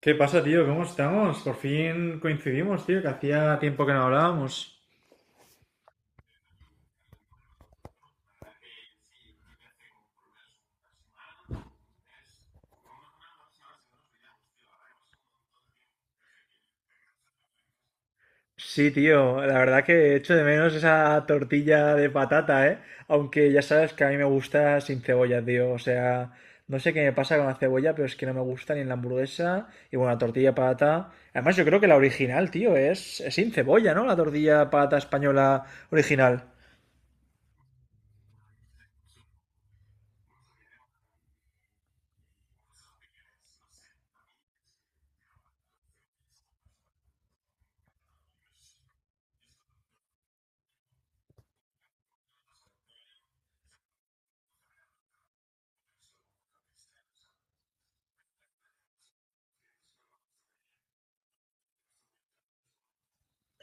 ¿Qué pasa, tío? ¿Cómo estamos? Por fin coincidimos, tío, que hacía tiempo que no hablábamos. Sí, tío, la verdad que echo de menos esa tortilla de patata, ¿eh? Aunque ya sabes que a mí me gusta sin cebolla, tío. O sea, no sé qué me pasa con la cebolla, pero es que no me gusta ni en la hamburguesa. Y bueno, la tortilla de patata. Además, yo creo que la original, tío, es sin cebolla, ¿no? La tortilla de patata española original.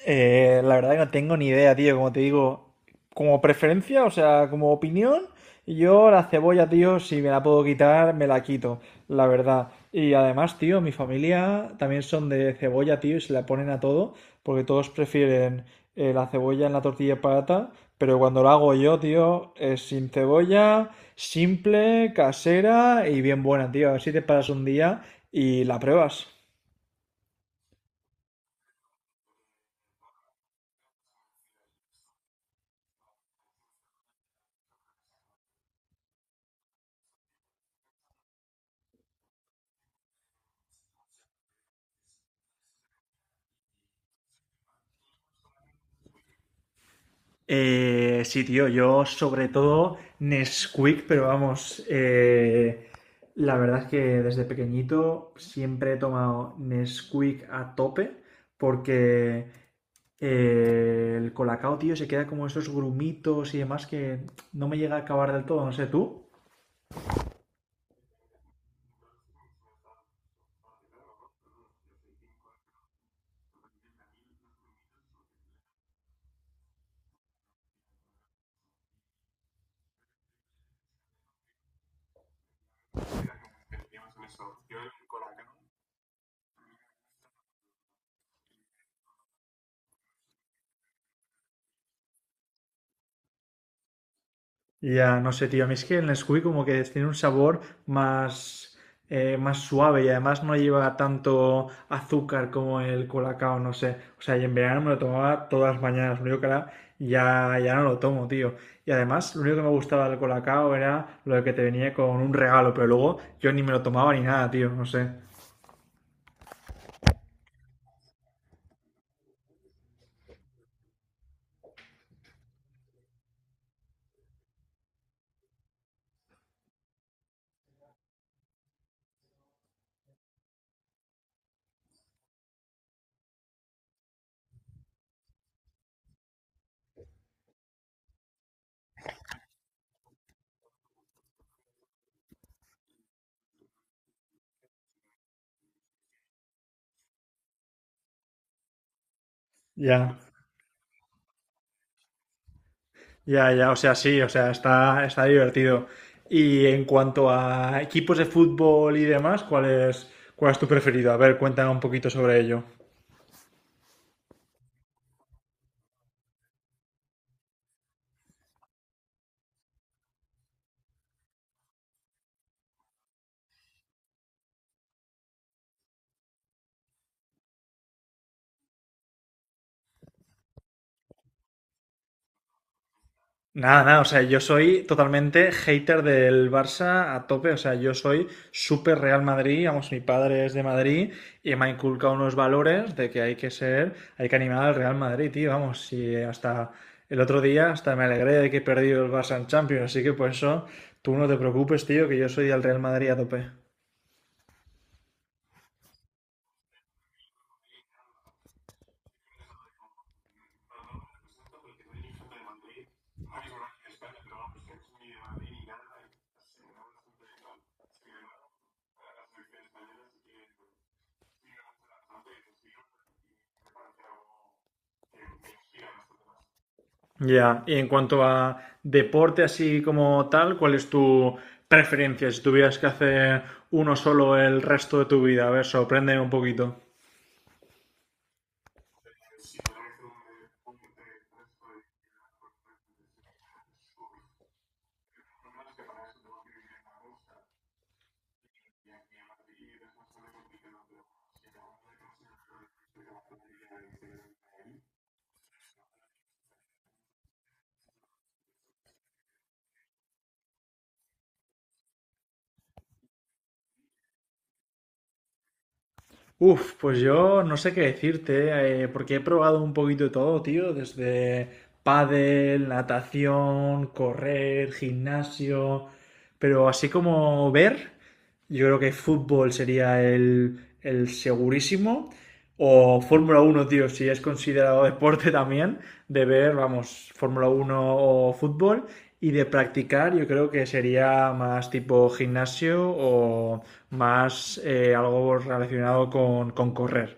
La verdad que no tengo ni idea, tío. Como te digo, como preferencia, o sea, como opinión, yo la cebolla, tío, si me la puedo quitar, me la quito, la verdad. Y además, tío, mi familia también son de cebolla, tío, y se la ponen a todo, porque todos prefieren la cebolla en la tortilla patata, pero cuando la hago yo, tío, es sin cebolla, simple, casera y bien buena, tío. A ver si te paras un día y la pruebas. Sí, tío, yo sobre todo Nesquik, pero vamos, la verdad es que desde pequeñito siempre he tomado Nesquik a tope porque el colacao, tío, se queda como esos grumitos y demás que no me llega a acabar del todo, no sé tú. Ya, no sé, tío. A mí es que el Nesquik como que tiene un sabor más, más suave y además no lleva tanto azúcar como el colacao, no sé. O sea, y en verano me lo tomaba todas las mañanas. Lo único que ahora ya no lo tomo, tío. Y además, lo único que me gustaba del colacao era lo que te venía con un regalo, pero luego yo ni me lo tomaba ni nada, tío. No sé. Ya. Ya, ya, o sea, sí, o sea, está divertido. Y en cuanto a equipos de fútbol y demás, ¿ cuál es tu preferido? A ver, cuéntame un poquito sobre ello. Nada, nada, o sea, yo soy totalmente hater del Barça a tope, o sea, yo soy súper Real Madrid, vamos, mi padre es de Madrid y me ha inculcado unos valores de que hay que ser, hay que animar al Real Madrid, tío, vamos, y hasta el otro día hasta me alegré de que he perdido el Barça en Champions, así que por eso tú no te preocupes, tío, que yo soy del Real Madrid a tope. Ya, y en cuanto a deporte así como tal, ¿cuál es tu preferencia si tuvieras que hacer uno solo el resto de tu vida? A ver, sorpréndeme un poquito. Uf, pues yo no sé qué decirte, porque he probado un poquito de todo, tío, desde pádel, natación, correr, gimnasio, pero así como ver, yo creo que fútbol sería el segurísimo. O Fórmula 1 tío, si es considerado deporte también, de ver, vamos, Fórmula 1 o fútbol y de practicar yo creo que sería más tipo gimnasio o más algo relacionado con correr.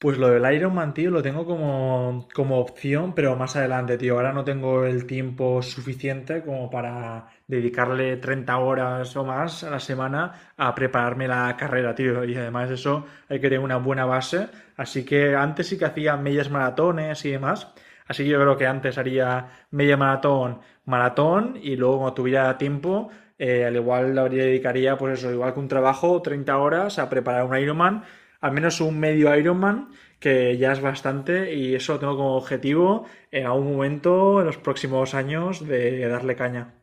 Pues lo del Iron Man, tío, lo tengo como opción, pero más adelante, tío. Ahora no tengo el tiempo suficiente como para dedicarle 30 horas o más a la semana a prepararme la carrera, tío. Y además eso hay que tener una buena base. Así que antes sí que hacía medias maratones y demás. Así que yo creo que antes haría media maratón, maratón y luego cuando tuviera tiempo, al igual le habría- dedicaría, pues eso, igual que un trabajo, 30 horas a preparar un Ironman, al menos un medio Ironman, que ya es bastante, y eso lo tengo como objetivo en algún momento, en los próximos años, de darle caña.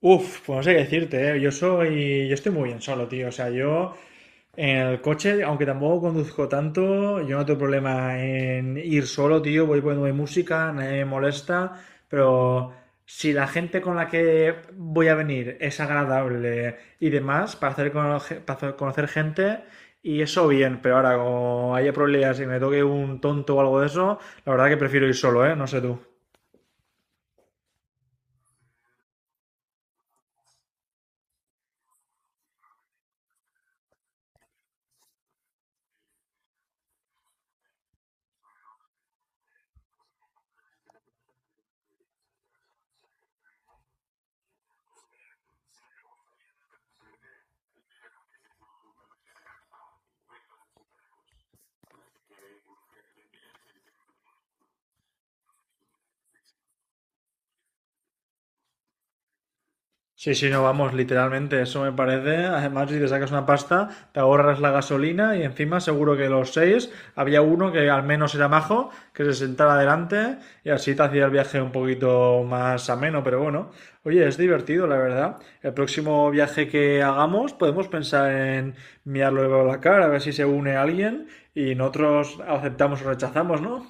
Uf, pues no sé qué decirte, ¿eh? Yo estoy muy bien solo, tío. O sea, yo en el coche, aunque tampoco conduzco tanto, yo no tengo problema en ir solo, tío. Voy poniendo mi música, nadie me molesta, pero si la gente con la que voy a venir es agradable y demás, para hacer conocer gente, y eso bien, pero ahora como haya problemas y me toque un tonto o algo de eso, la verdad que prefiero ir solo, ¿eh? No sé tú. Sí, sí, no, vamos, literalmente, eso me parece. Además, si te sacas una pasta, te ahorras la gasolina y encima seguro que los seis había uno que al menos era majo, que se sentara adelante y así te hacía el viaje un poquito más ameno, pero bueno. Oye, es divertido, la verdad. El próximo viaje que hagamos podemos pensar en mirarlo de cara, a ver si se une alguien y nosotros aceptamos o rechazamos, ¿no?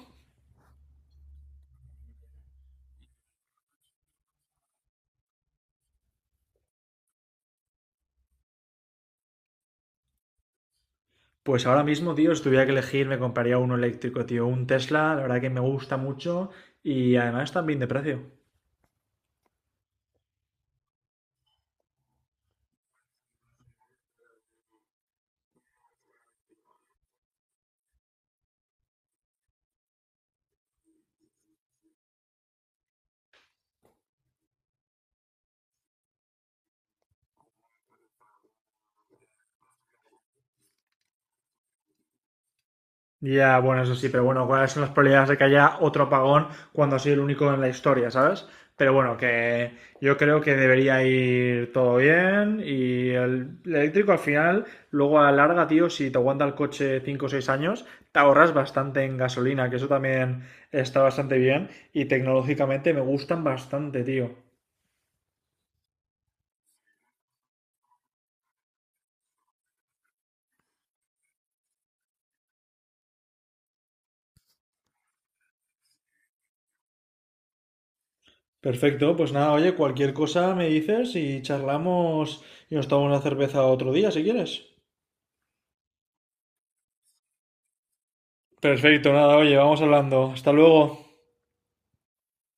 Pues ahora mismo, tío, si tuviera que elegir, me compraría uno eléctrico, tío. Un Tesla, la verdad que me gusta mucho y además también de precio. Ya, bueno, eso sí, pero bueno, ¿cuáles son las probabilidades de que haya otro apagón cuando soy el único en la historia, ¿sabes? Pero bueno, que yo creo que debería ir todo bien y el eléctrico al final, luego a la larga, tío, si te aguanta el coche 5 o 6 años, te ahorras bastante en gasolina, que eso también está bastante bien y tecnológicamente me gustan bastante, tío. Perfecto, pues nada, oye, cualquier cosa me dices y charlamos y nos tomamos una cerveza otro día si quieres. Perfecto, nada, oye, vamos hablando. Hasta luego.